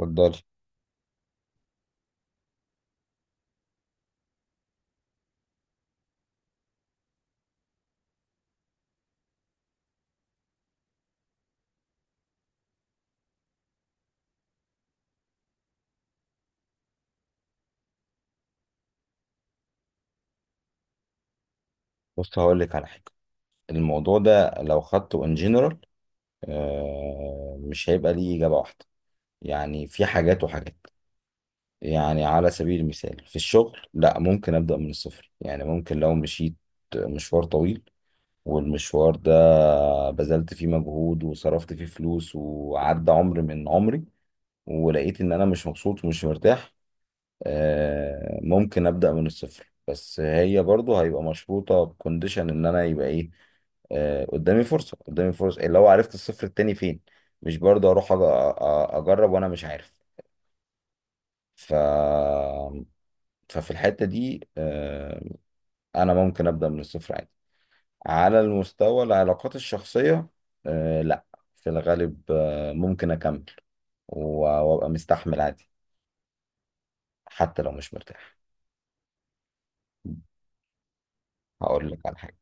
اتفضل. بص، هقول لك على حاجه. الموضوع ده لو خدته ان جنرال مش هيبقى ليه اجابه واحده. يعني في حاجات وحاجات. يعني على سبيل المثال في الشغل، لا، ممكن ابدا من الصفر. يعني ممكن لو مشيت مشوار طويل، والمشوار ده بذلت فيه مجهود وصرفت فيه فلوس وعدى عمر من عمري ولقيت ان انا مش مبسوط ومش مرتاح. ممكن ابدا من الصفر، بس هي برضو هيبقى مشروطه بكونديشن ان انا يبقى ايه؟ قدامي فرصه، قدامي فرصه، اللي هو عرفت الصفر التاني فين. مش برضو اروح اجرب وانا مش عارف. ف ففي الحته دي انا ممكن ابدا من الصفر عادي. على المستوى العلاقات الشخصيه، لا، في الغالب ممكن اكمل و- وابقى مستحمل عادي، حتى لو مش مرتاح. هقول لك على حاجه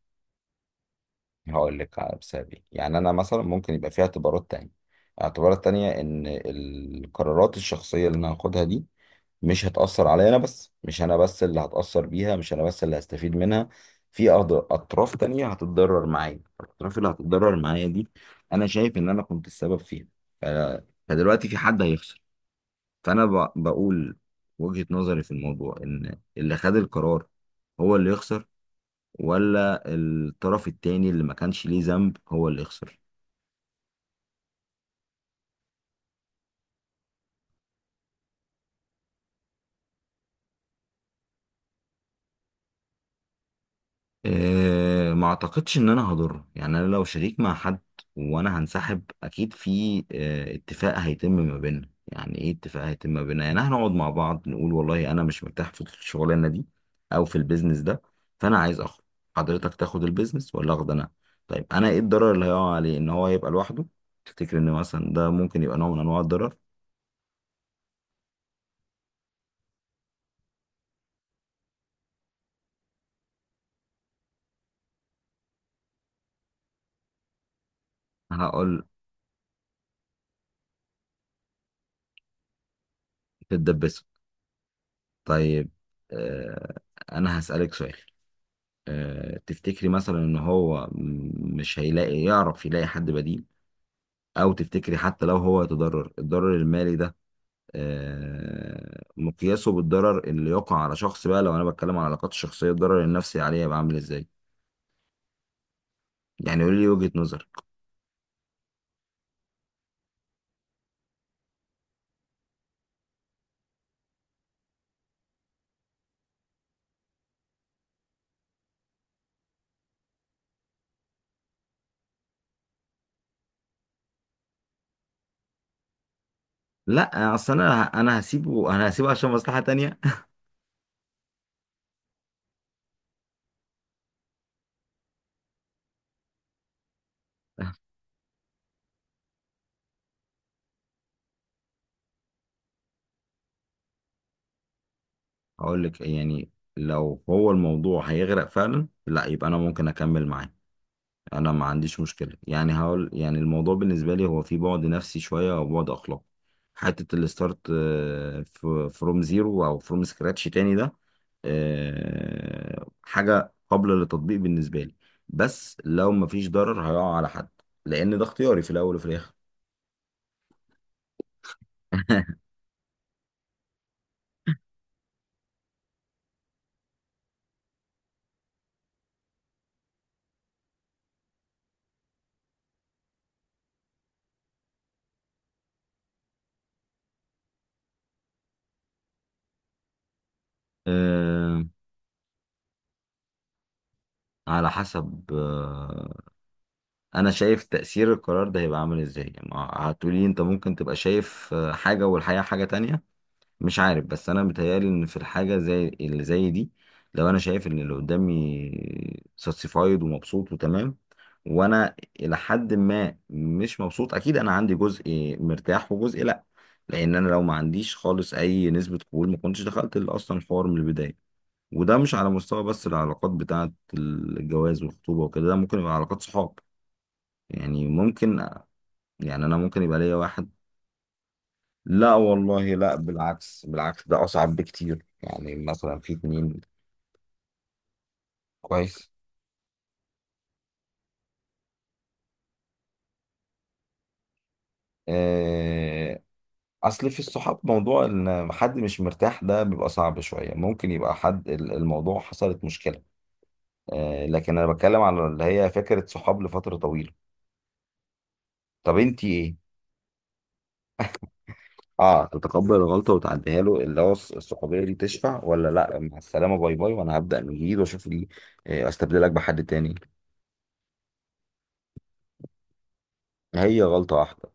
هقول لك على بسبب ايه. يعني انا مثلا ممكن يبقى فيها اعتبارات تانية، اعتبارات تانية، ان القرارات الشخصية اللي انا هاخدها دي مش هتأثر عليا انا بس، مش انا بس اللي هتأثر بيها، مش انا بس اللي هستفيد منها. في اطراف تانية هتتضرر معايا. الاطراف اللي هتتضرر معايا دي انا شايف ان انا كنت السبب فيها. ف- فدلوقتي في حد هيخسر. فانا بقول وجهة نظري في الموضوع، ان اللي خد القرار هو اللي يخسر، ولا الطرف التاني اللي ما كانش ليه ذنب هو اللي يخسر؟ أه، ما اعتقدش ان انا هضره. يعني انا لو شريك مع حد وانا هنسحب، اكيد في اتفاق هيتم ما بيننا. يعني ايه اتفاق هيتم ما بيننا؟ يعني هنقعد مع بعض نقول والله انا مش مرتاح في الشغلانه دي او في البيزنس ده، فانا عايز اخرج. حضرتك تاخد البيزنس ولا اخد انا؟ طيب انا ايه الضرر اللي هيقع عليه ان هو يبقى لوحده؟ تفتكر ان مثلا ده ممكن يبقى نوع من انواع الضرر؟ هقول تتدبسوا. طيب. آه، انا هسألك سؤال. تفتكري مثلا ان هو مش هيلاقي، يعرف يلاقي حد بديل؟ او تفتكري حتى لو هو يتضرر، الضرر المالي ده مقياسه بالضرر اللي يقع على شخص؟ بقى لو انا بتكلم عن علاقات الشخصية، الضرر النفسي عليه يبقى عامل ازاي؟ يعني قولي لي وجهة نظرك. لا، اصل انا هسيبه، انا هسيبه عشان مصلحة تانية. هقول لك، يعني لو هو الموضوع هيغرق فعلا، لا، يبقى انا ممكن اكمل معاه. انا ما عنديش مشكله. يعني هقول، يعني الموضوع بالنسبه لي هو في بعد نفسي شويه او بعد اخلاقي. حته الستارت فروم زيرو او فروم سكراتش تاني ده حاجه قابله للتطبيق بالنسبه لي، بس لو ما فيش ضرر هيقع على حد، لان ده اختياري في الاول وفي الاخر. آه، على حسب. انا شايف تاثير القرار ده هيبقى عامل ازاي. ما هتقولي، انت ممكن تبقى شايف حاجه والحقيقه حاجه تانية. مش عارف، بس انا متهيالي ان في الحاجه زي اللي زي دي، لو انا شايف ان اللي قدامي ساتسفايد ومبسوط وتمام، وانا الى حد ما مش مبسوط، اكيد انا عندي جزء مرتاح وجزء لا. لان انا لو ما عنديش خالص اي نسبه قبول ما كنتش دخلت اصلا الحوار من البدايه. وده مش على مستوى بس العلاقات بتاعه الجواز والخطوبه وكده، ده ممكن يبقى علاقات صحاب. يعني ممكن. يعني انا ممكن يبقى ليا واحد. لا والله، لا، بالعكس، بالعكس، ده أصعب بكتير. يعني مثلا في اتنين. كويس. آه، أصل في الصحاب، موضوع إن حد مش مرتاح ده بيبقى صعب شوية. ممكن يبقى حد، الموضوع حصلت مشكلة. لكن أنا بتكلم على اللي هي فكرة صحاب لفترة طويلة. طب أنتي إيه؟ اه، تتقبل الغلطة وتعديها له، اللي هو الصحوبية دي تشفع؟ ولا لا، مع السلامة، باي باي، وأنا هبدأ من جديد وأشوف لي أستبدلك بحد تاني. هي غلطة واحدة،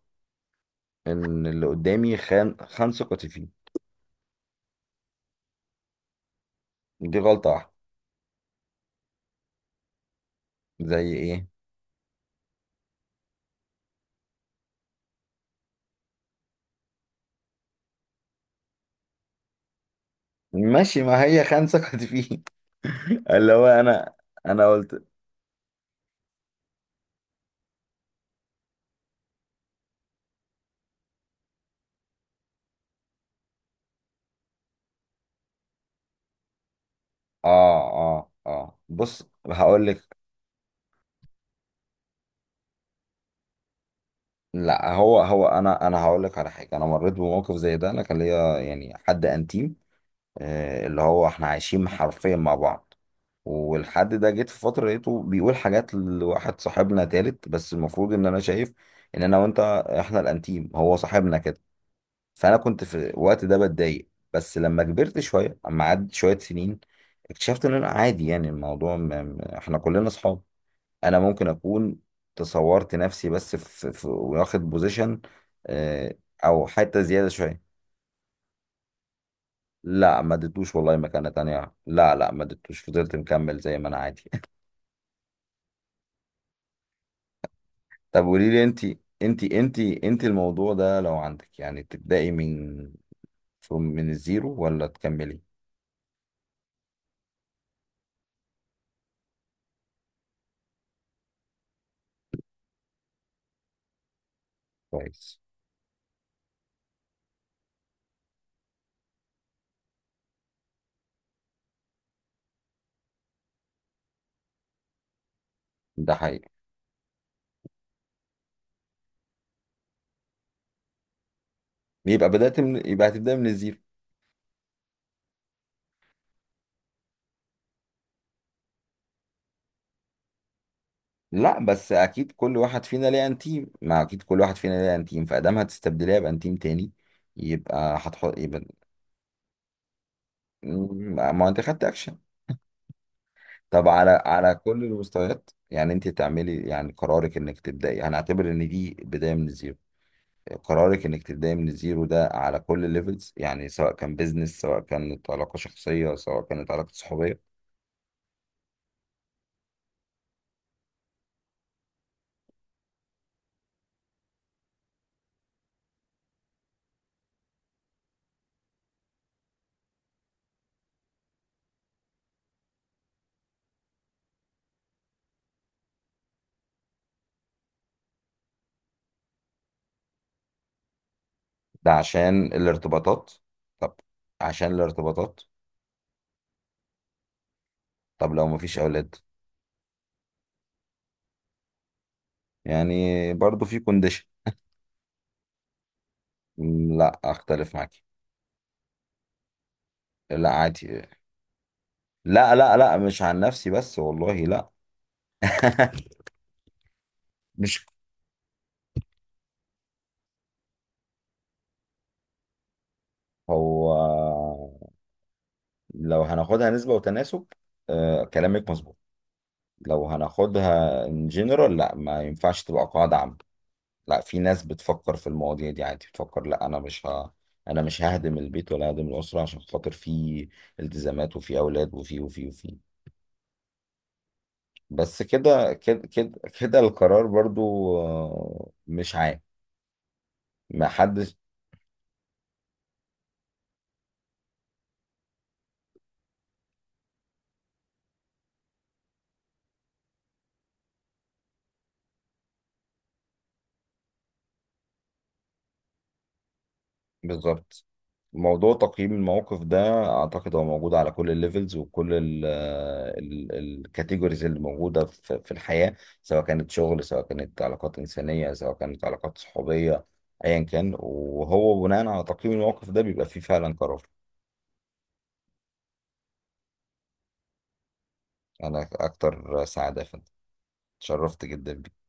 ان اللي قدامي خان، خان ثقتي فيه. دي غلطة واحدة. زي ايه؟ ماشي، ما هي خان سكت فيه. اللي هو انا. انا قلت. اه. اه، اه، بص، هقول لك. لا، هو انا هقول لك على حاجة. انا مريت بموقف زي ده. انا كان ليا يعني حد انتيم، اللي هو احنا عايشين حرفيا مع بعض. والحد ده جيت في فترة لقيته بيقول حاجات لواحد صاحبنا تالت، بس المفروض ان انا شايف ان انا وانت، احنا الانتيم هو صاحبنا كده. فانا كنت في الوقت ده بتضايق، بس لما كبرت شويه، اما عدت شويه سنين، اكتشفت ان انا عادي. يعني الموضوع احنا كلنا اصحاب. انا ممكن اكون تصورت نفسي بس واخد بوزيشن، آه، او حته زياده شويه. لا، ما اديتوش والله مكانه تانية، لا لا، ما اديتوش، فضلت مكمل زي ما انا عادي. طب قولي لي انت الموضوع ده لو عندك، يعني تبدأي من من الزيرو ولا تكملي؟ كويس. ده حقيقي. يبقى هتبدأ من الزيرو. لا، بس اكيد كل واحد فينا ليه انتيم، ما اكيد كل واحد فينا ليه انتيم، فادام هتستبدليها بانتيم تاني. يبقى هتحط يبقى م- ما انت خدت اكشن. طب على كل المستويات، يعني انت تعملي يعني قرارك انك تبداي، هنعتبر ان دي بدايه من الزيرو. قرارك انك تبداي من الزيرو ده على كل الليفلز، يعني سواء كان بيزنس، سواء كانت علاقه شخصيه، سواء كانت علاقه صحوبيه. ده عشان الارتباطات. طب عشان الارتباطات. طب لو مفيش اولاد؟ يعني برضو في كونديشن. لا، اختلف معاكي. لا، عادي. لا لا لا، مش عن نفسي بس والله، لا. مش. هو لو هناخدها نسبة وتناسب، آه، كلامك مظبوط. لو هناخدها ان جنرال، لا، ما ينفعش تبقى قاعدة عامة. لا، في ناس بتفكر في المواضيع دي عادي. بتفكر لا، انا مش ههدم البيت ولا ههدم الأسرة عشان خاطر في التزامات وفي اولاد وفي. بس كده كده كده كده، القرار برضو مش عام. ما حدش. بالظبط. موضوع تقييم المواقف ده، اعتقد هو موجود على كل الليفلز وكل الكاتيجوريز اللي موجوده في الحياه، سواء كانت شغل، سواء كانت علاقات انسانيه، سواء كانت علاقات صحوبيه، ايا كان. وهو بناء على تقييم المواقف ده بيبقى فيه فعلا قرار. انا اكتر سعاده. فانت اتشرفت جدا بيك.